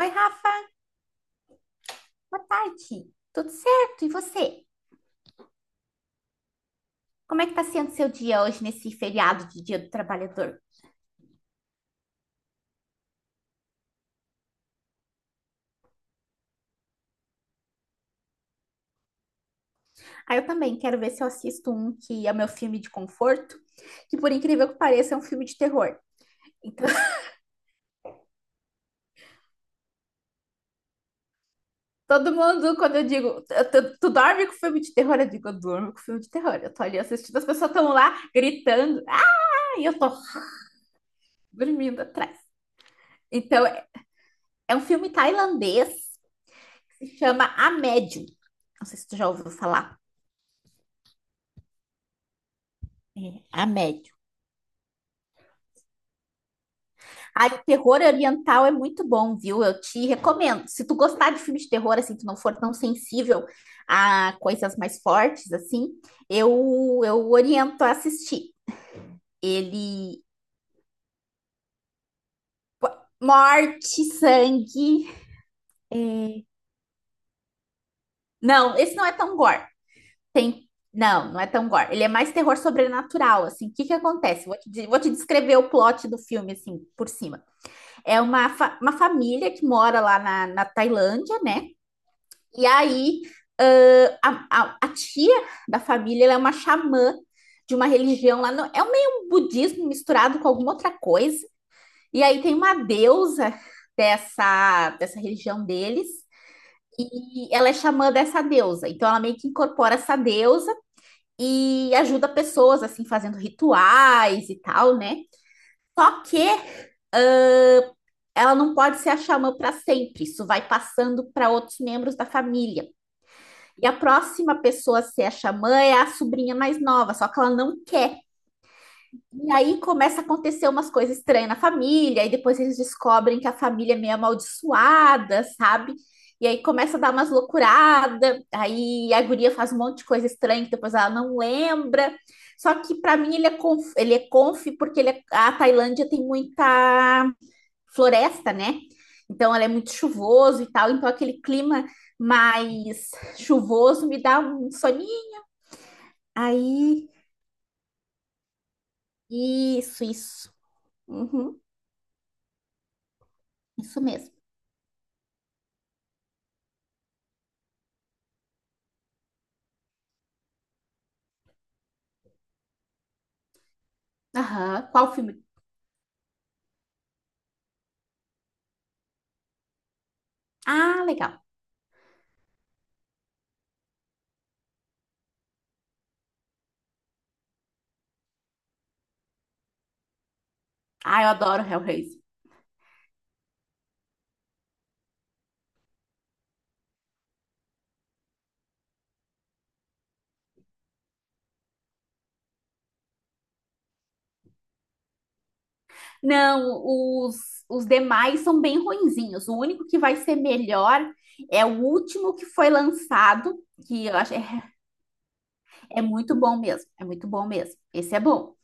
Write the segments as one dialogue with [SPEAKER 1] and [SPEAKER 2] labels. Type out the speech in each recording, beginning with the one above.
[SPEAKER 1] Oi, Rafa, boa tarde. Tudo certo? E você? Como é que tá sendo seu dia hoje nesse feriado de Dia do Trabalhador? Ah, eu também quero ver se eu assisto um que é o meu filme de conforto, que por incrível que pareça é um filme de terror. Então, todo mundo, quando eu digo, tu dorme com filme de terror? Eu digo, eu durmo com filme de terror. Eu tô ali assistindo, as pessoas estão lá gritando, ah, e eu tô dormindo atrás. Então, é um filme tailandês que se chama A Médium. Não sei se tu já ouviu falar. É, A Médium. Ai, o terror oriental é muito bom, viu? Eu te recomendo. Se tu gostar de filme de terror, assim, tu não for tão sensível a coisas mais fortes, assim, eu oriento a assistir. Ele... Morte, sangue... é, não, esse não é tão gore. Tem... Não, não é tão gore. Ele é mais terror sobrenatural, assim. O que que acontece? Vou te descrever o plot do filme, assim, por cima. É uma, uma família que mora lá na Tailândia, né? E aí, a tia da família, ela é uma xamã de uma religião lá, no, é um meio um budismo misturado com alguma outra coisa. E aí tem uma deusa dessa religião deles, e ela é xamã dessa deusa. Então ela meio que incorpora essa deusa e ajuda pessoas, assim, fazendo rituais e tal, né? Só que ela não pode ser a xamã para sempre, isso vai passando para outros membros da família. E a próxima pessoa a ser a xamã é a sobrinha mais nova, só que ela não quer. E aí começa a acontecer umas coisas estranhas na família, e depois eles descobrem que a família é meio amaldiçoada, sabe? E aí começa a dar umas loucuradas, aí a guria faz um monte de coisa estranha que depois ela não lembra. Só que para mim ele é conf porque ele é- a Tailândia tem muita floresta, né? Então ela é muito chuvoso e tal, então aquele clima mais chuvoso me dá um soninho. Aí, isso. Uhum, isso mesmo. Aham. Qual filme? Ah, legal. Ah, eu adoro Hellraiser. Não, os demais são bem ruinzinhos. O único que vai ser melhor é o último que foi lançado, que eu acho é, é muito bom mesmo. É muito bom mesmo. Esse é bom.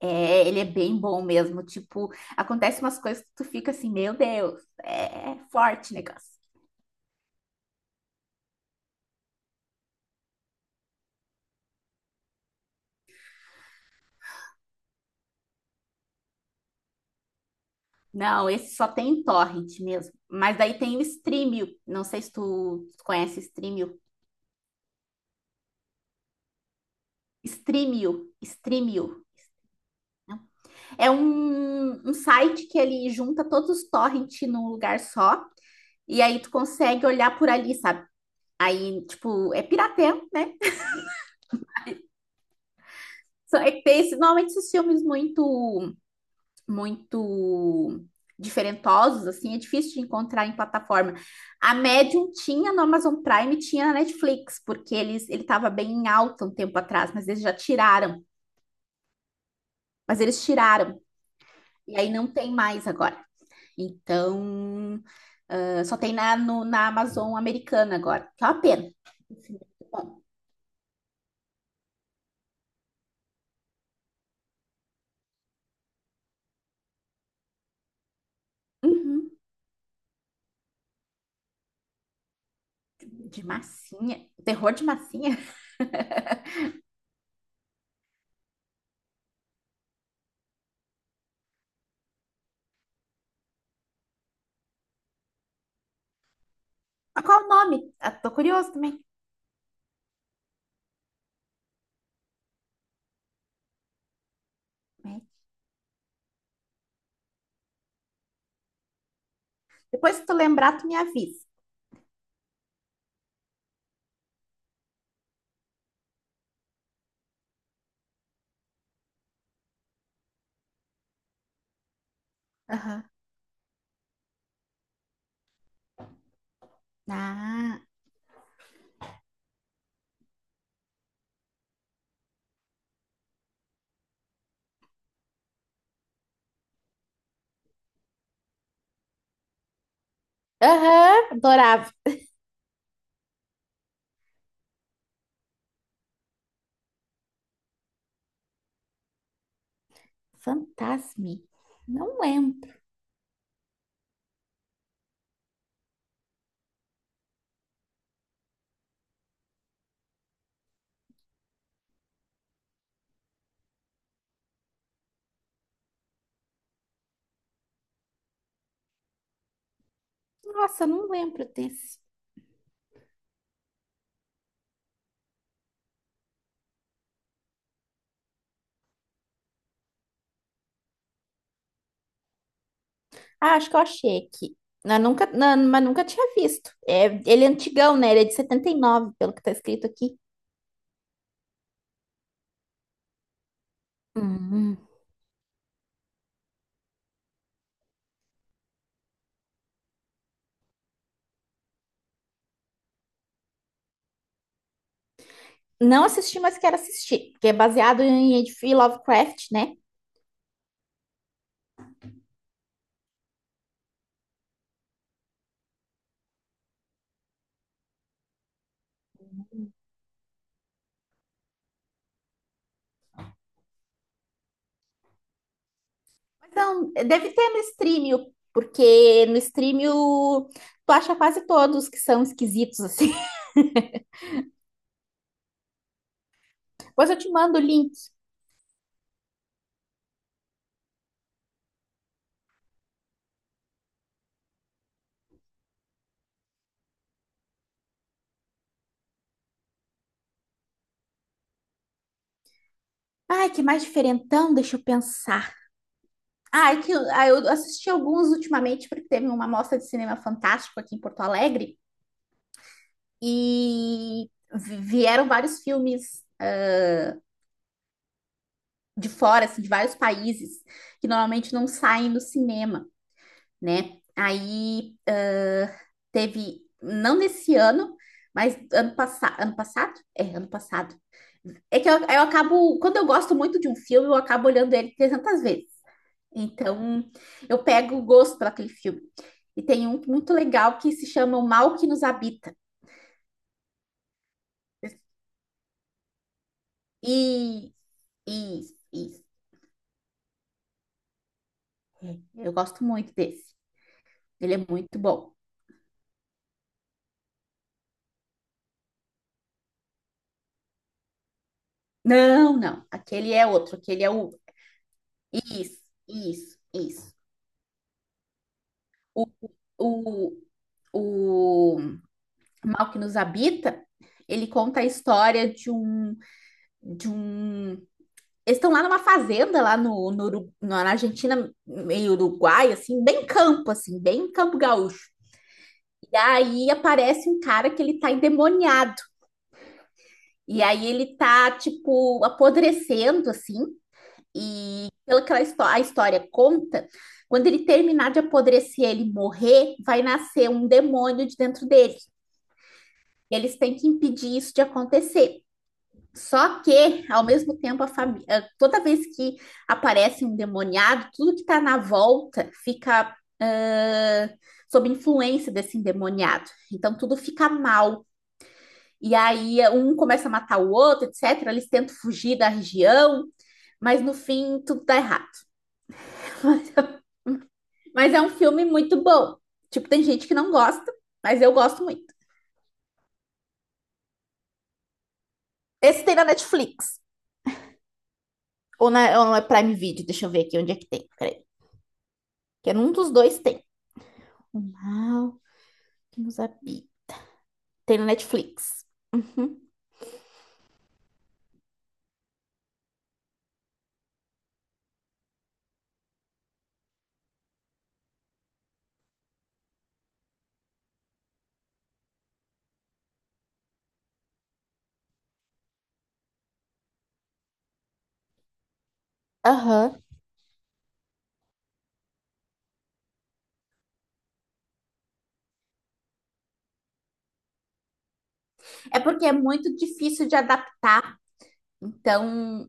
[SPEAKER 1] É, ele é bem bom mesmo. Tipo, acontece umas coisas que tu fica assim, meu Deus, é forte o negócio. Não, esse só tem em torrent mesmo. Mas daí tem o Streamio. Não sei se tu conhece Streamio. Streamio. É um, um site que ele junta todos os torrents num lugar só. E aí tu consegue olhar por ali, sabe? Aí, tipo, é pirateio, né? Só é que tem esse- normalmente esses filmes muito diferentosos, assim, é difícil de encontrar em plataforma. A Medium tinha no Amazon Prime, tinha na Netflix, porque ele estava bem em alta um tempo atrás, mas eles já tiraram. Mas eles tiraram. E aí não tem mais agora. Então, ah, só tem na, no- na Amazon americana agora, que é uma pena. Assim, muito bom. Uhum, de massinha. Terror de massinha. Mas qual o nome? Ah, tô curioso também. Né? Depois, se tu lembrar, tu me avisa. Aham. Ah, aham, adorava. Fantasme. Não lembro. Nossa, não lembro desse. Ah, acho que eu achei aqui. Eu nunca, não, mas nunca tinha visto. É, ele é antigão, né? Ele é de 79, pelo que tá escrito aqui. Hum. Não assisti, mas quero assistir, porque é baseado em H.P. Lovecraft, né? Mas não, deve ter no stream, porque no stream o- tu acha quase todos que são esquisitos, assim. Depois eu te mando o link. Ai, que mais diferentão, deixa eu pensar. Ah, eu assisti alguns ultimamente, porque teve uma mostra de cinema fantástico aqui em Porto Alegre, e vieram vários filmes de fora, assim, de vários países, que normalmente não saem no cinema, né? Aí teve, não desse ano, mas ano passado, ano passado? É, ano passado. É que eu acabo, quando eu gosto muito de um filme, eu acabo olhando ele 300 vezes. Então, eu pego o gosto por aquele filme. E tem um muito legal que se chama O Mal que Nos Habita. E, e, e eu gosto muito desse. Ele é muito bom. Não, não. Aquele é outro. Aquele é o. Isso, isso. O, o, o Mal que Nos Habita, ele conta a história de um, de um. Eles estão lá numa fazenda, lá no, no, na Argentina, meio Uruguai, assim, bem campo gaúcho. E aí aparece um cara que ele tá endemoniado. E aí ele tá, tipo, apodrecendo, assim. E pela aquela histó a história conta, quando ele terminar de apodrecer, ele morrer, vai nascer um demônio de dentro dele. E eles têm que impedir isso de acontecer. Só que, ao mesmo tempo, a família, toda vez que aparece um endemoniado, tudo que está na volta fica sob influência desse endemoniado. Então, tudo fica mal. E aí, um começa a matar o outro, etc. Eles tentam fugir da região, mas no fim, tudo dá errado. Mas é um filme muito bom. Tipo, tem gente que não gosta, mas eu gosto muito. Esse tem na Netflix. Ou no Prime Video, deixa eu ver aqui onde é que tem. Peraí. Que é num dos dois tem. O mal Musabi. Tem no Netflix. Uhum. Aham. É porque é muito difícil de adaptar. Então,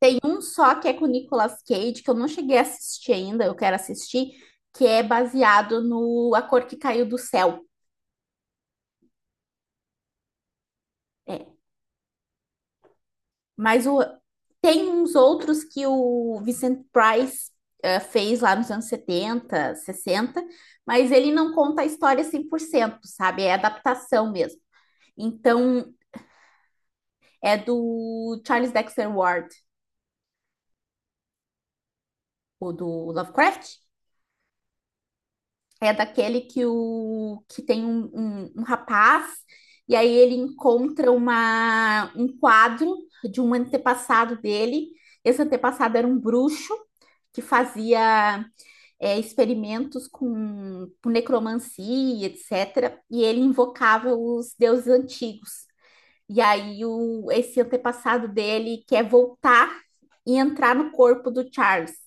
[SPEAKER 1] tem um só que é com o Nicolas Cage, que eu não cheguei a assistir ainda, eu quero assistir, que é baseado no A Cor que Caiu do Céu. É. Mas o, tem uns outros que o Vincent Price fez lá nos anos 70, 60, mas ele não conta a história 100%, sabe? É adaptação mesmo. Então, é do Charles Dexter Ward. O do Lovecraft, é daquele que, o, que tem um, um rapaz, e aí ele encontra um quadro de um antepassado dele. Esse antepassado era um bruxo que fazia experimentos com necromancia, etc. E ele invocava os deuses antigos. E aí o, esse antepassado dele quer voltar e entrar no corpo do Charles.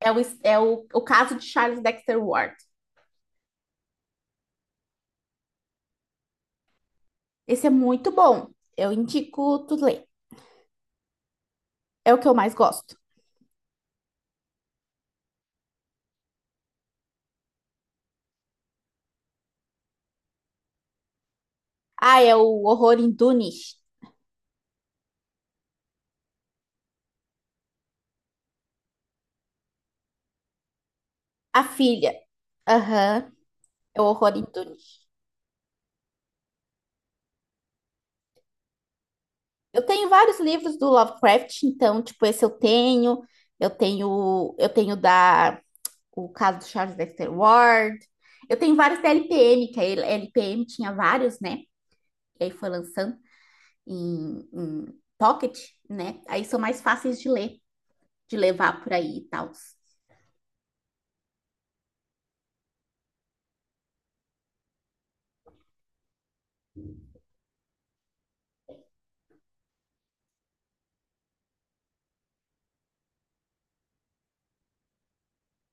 [SPEAKER 1] É o, é o caso de Charles Dexter Ward. Esse é muito bom. Eu indico tu ler. É o que eu mais gosto. Ah, é o Horror em Dunwich. A filha. Aham, é o Horror em Dunwich. Eu tenho vários livros do Lovecraft, então, tipo, esse eu tenho. Eu tenho da o caso do Charles Dexter Ward. Eu tenho vários da LPM, que a LPM tinha vários, né? E aí foi lançando em Pocket, né? Aí são mais fáceis de ler, de levar por aí e tal.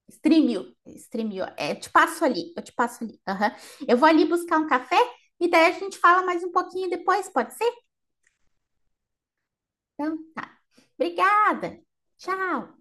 [SPEAKER 1] Streamio, streamio. É, eu te passo ali. Aham. Eu vou ali buscar um café e daí a gente fala mais um pouquinho depois, pode ser? Então, tá. Obrigada. Tchau.